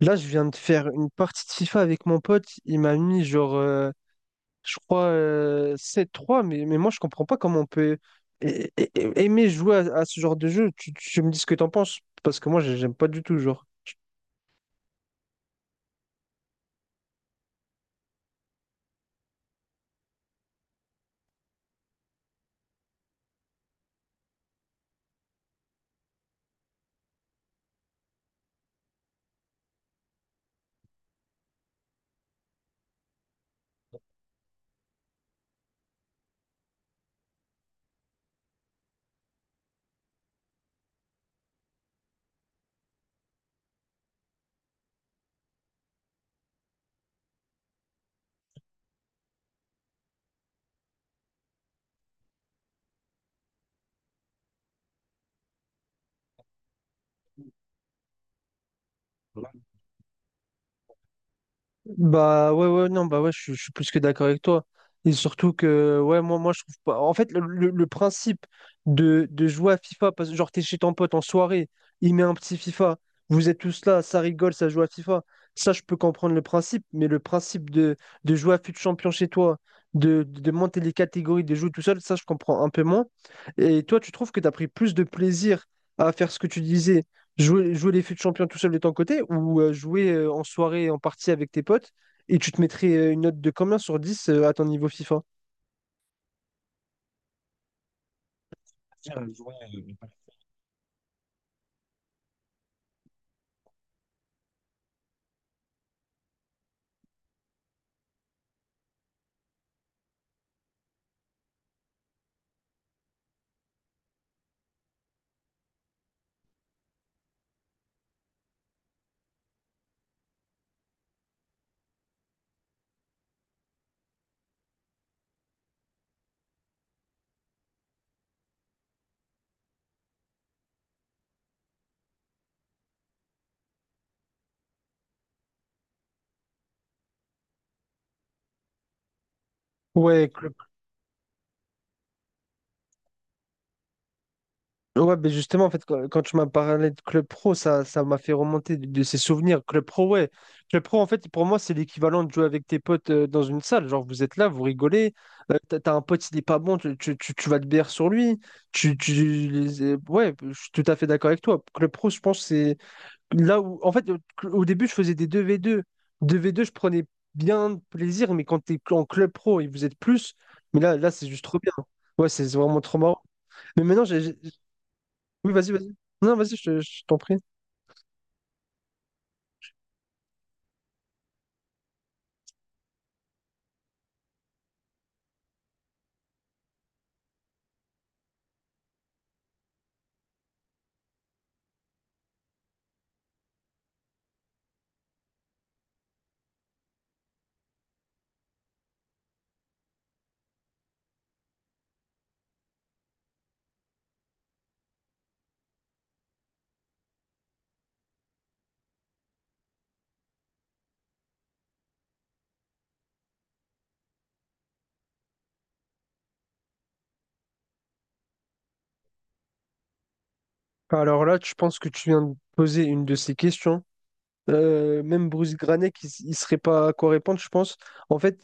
Là, je viens de faire une partie de FIFA avec mon pote. Il m'a mis genre, je crois, 7-3, mais moi, je comprends pas comment on peut a- aimer jouer à ce genre de jeu. Tu me dis ce que t'en penses, parce que moi, j'aime pas du tout, genre. Bah ouais, ouais, non, bah ouais, je suis plus que d'accord avec toi, et surtout que, ouais, moi je trouve pas en fait le principe de jouer à FIFA, parce que genre t'es chez ton pote en soirée, il met un petit FIFA, vous êtes tous là, ça rigole, ça joue à FIFA. Ça je peux comprendre le principe, mais le principe de jouer à FUT Champion chez toi, de monter les catégories, de jouer tout seul, ça je comprends un peu moins. Et toi, tu trouves que t'as pris plus de plaisir à faire ce que tu disais? Jouer les fûts champions tout seul de ton côté, ou jouer en soirée en partie avec tes potes? Et tu te mettrais une note de combien sur 10 à ton niveau FIFA? Ouais, club. Ouais, ben justement, en fait, quand tu m'as parlé de Club Pro, ça m'a fait remonter de ces souvenirs. Club Pro, ouais. Club Pro, en fait, pour moi, c'est l'équivalent de jouer avec tes potes dans une salle. Genre, vous êtes là, vous rigolez. T'as un pote, il est pas bon, tu vas te BR sur lui. Ouais, je suis tout à fait d'accord avec toi. Club Pro, je pense, c'est là où, en fait, au début, je faisais des deux v deux je prenais bien de plaisir, mais quand t'es en club pro et vous êtes plus, mais là, là, c'est juste trop bien. Ouais, c'est vraiment trop marrant. Mais maintenant. Oui, vas-y, vas-y. Non, vas-y, je t'en prie. Alors là, je pense que tu viens de poser une de ces questions. Même Bruce Granet, il serait pas à quoi répondre, je pense. En fait,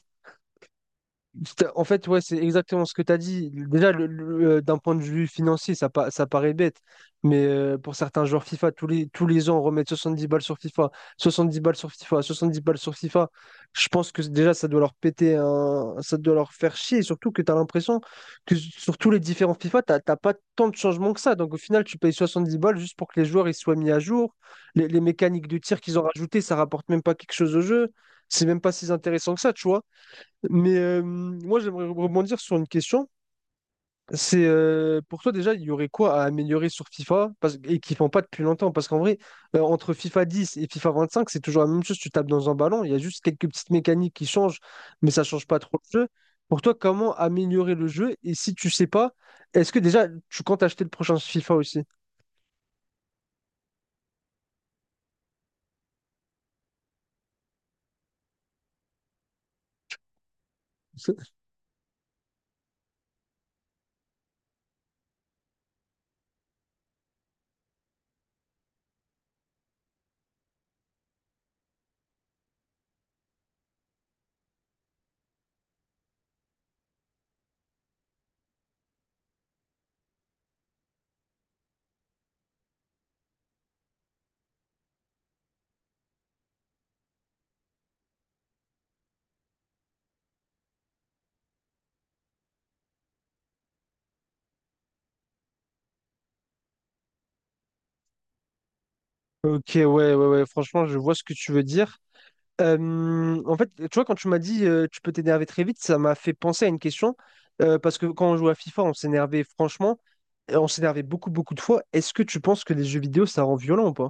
Ouais, c'est exactement ce que tu as dit. Déjà, d'un point de vue financier, ça paraît bête. Mais pour certains joueurs FIFA, tous les ans, remettre 70 balles sur FIFA, 70 balles sur FIFA, 70 balles sur FIFA, je pense que déjà, ça doit leur péter un. Ça doit leur faire chier. Et surtout que tu as l'impression que sur tous les différents FIFA, tu n'as pas tant de changements que ça. Donc au final, tu payes 70 balles juste pour que les joueurs ils soient mis à jour. Les mécaniques de tir qu'ils ont rajoutées, ça rapporte même pas quelque chose au jeu. C'est même pas si intéressant que ça, tu vois. Mais moi, j'aimerais rebondir sur une question. C'est pour toi déjà, il y aurait quoi à améliorer sur FIFA, et qu'ils font pas depuis longtemps? Parce qu'en vrai, entre FIFA 10 et FIFA 25, c'est toujours la même chose. Tu tapes dans un ballon, il y a juste quelques petites mécaniques qui changent, mais ça change pas trop le jeu. Pour toi, comment améliorer le jeu? Et si tu sais pas, est-ce que déjà tu comptes acheter le prochain FIFA aussi? Ok, ouais, ouais, ouais. Franchement, je vois ce que tu veux dire. En fait, tu vois, quand tu m'as dit tu peux t'énerver très vite, ça m'a fait penser à une question, parce que quand on jouait à FIFA, on s'énervait franchement, et on s'énervait beaucoup, beaucoup de fois. Est-ce que tu penses que les jeux vidéo, ça rend violent ou pas?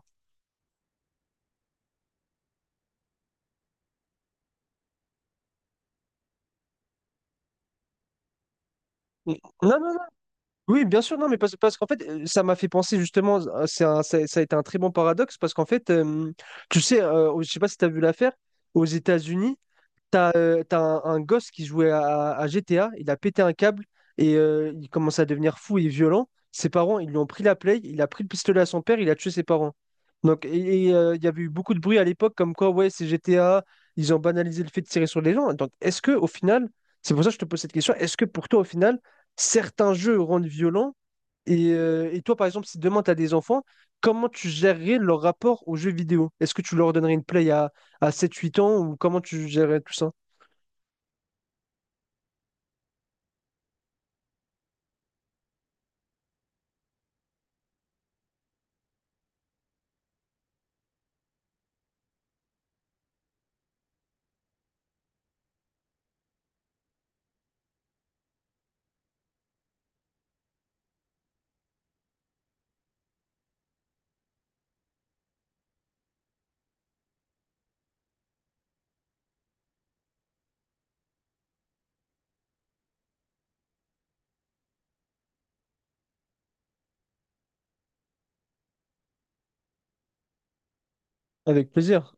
Non, non, non. Oui, bien sûr, non, mais parce qu'en fait, ça m'a fait penser justement, ça, ça a été un très bon paradoxe, parce qu'en fait, tu sais, je sais pas si tu as vu l'affaire, aux États-Unis. T'as un gosse qui jouait à GTA, il a pété un câble et il commence à devenir fou et violent. Ses parents, ils lui ont pris la play, il a pris le pistolet à son père, il a tué ses parents. Donc, il y avait eu beaucoup de bruit à l'époque comme quoi, ouais, c'est GTA, ils ont banalisé le fait de tirer sur les gens. Donc, est-ce que au final, c'est pour ça que je te pose cette question, est-ce que pour toi, au final, certains jeux rendent violents, et toi, par exemple, si demain tu as des enfants, comment tu gérerais leur rapport aux jeux vidéo? Est-ce que tu leur donnerais une play à 7-8 ans, ou comment tu gérerais tout ça? Avec plaisir.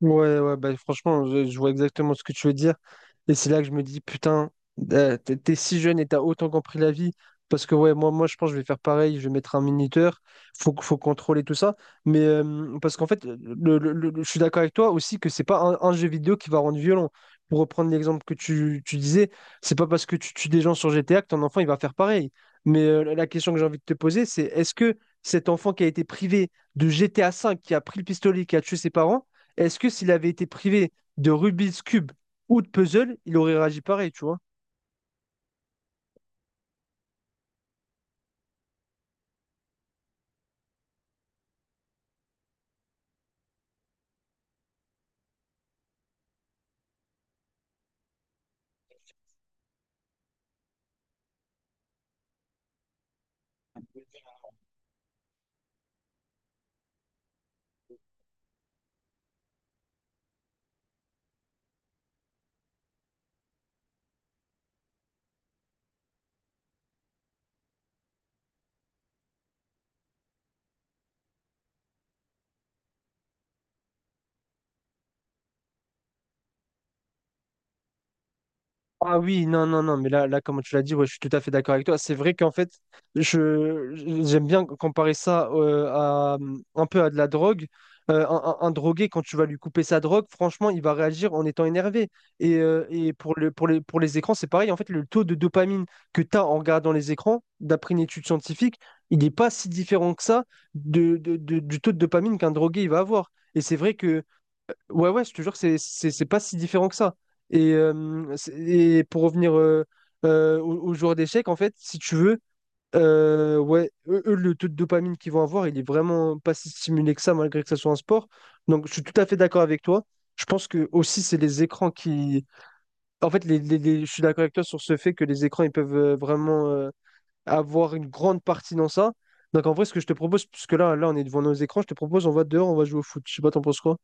Ouais, ouais, bah, franchement, je vois exactement ce que tu veux dire. Et c'est là que je me dis, putain, t'es si jeune et t'as autant compris la vie. Parce que, ouais, moi, je pense que je vais faire pareil. Je vais mettre un minuteur. Faut contrôler tout ça. Mais parce qu'en fait, je suis d'accord avec toi aussi que c'est pas un jeu vidéo qui va rendre violent. Pour reprendre l'exemple que tu disais, c'est pas parce que tu tues des gens sur GTA que ton enfant, il va faire pareil. Mais la question que j'ai envie de te poser, c'est est-ce que cet enfant qui a été privé de GTA V, qui a pris le pistolet, qui a tué ses parents, est-ce que s'il avait été privé de Rubik's Cube ou de puzzle, il aurait réagi pareil, tu vois? Ah oui, non, non, non, mais là, là, comme tu l'as dit, ouais, je suis tout à fait d'accord avec toi. C'est vrai qu'en fait, je j'aime bien comparer ça à un peu à de la drogue. Un drogué, quand tu vas lui couper sa drogue, franchement, il va réagir en étant énervé. Et pour les écrans, c'est pareil. En fait, le taux de dopamine que tu as en regardant les écrans, d'après une étude scientifique, il n'est pas si différent que ça du taux de dopamine qu'un drogué il va avoir. Et c'est vrai que ouais, ouais, je te jure, c'est pas si différent que ça. Et pour revenir aux joueurs d'échecs, en fait, si tu veux, ouais, eux, eux, le taux de dopamine qu'ils vont avoir, il est vraiment pas si stimulé que ça, malgré que ça soit un sport. Donc, je suis tout à fait d'accord avec toi. Je pense que aussi, c'est les écrans qui. En fait, je suis d'accord avec toi sur ce fait que les écrans, ils peuvent vraiment, avoir une grande partie dans ça. Donc, en vrai, ce que je te propose, puisque là, là, on est devant nos écrans, je te propose, on va dehors, on va jouer au foot. Je sais pas, t'en penses quoi?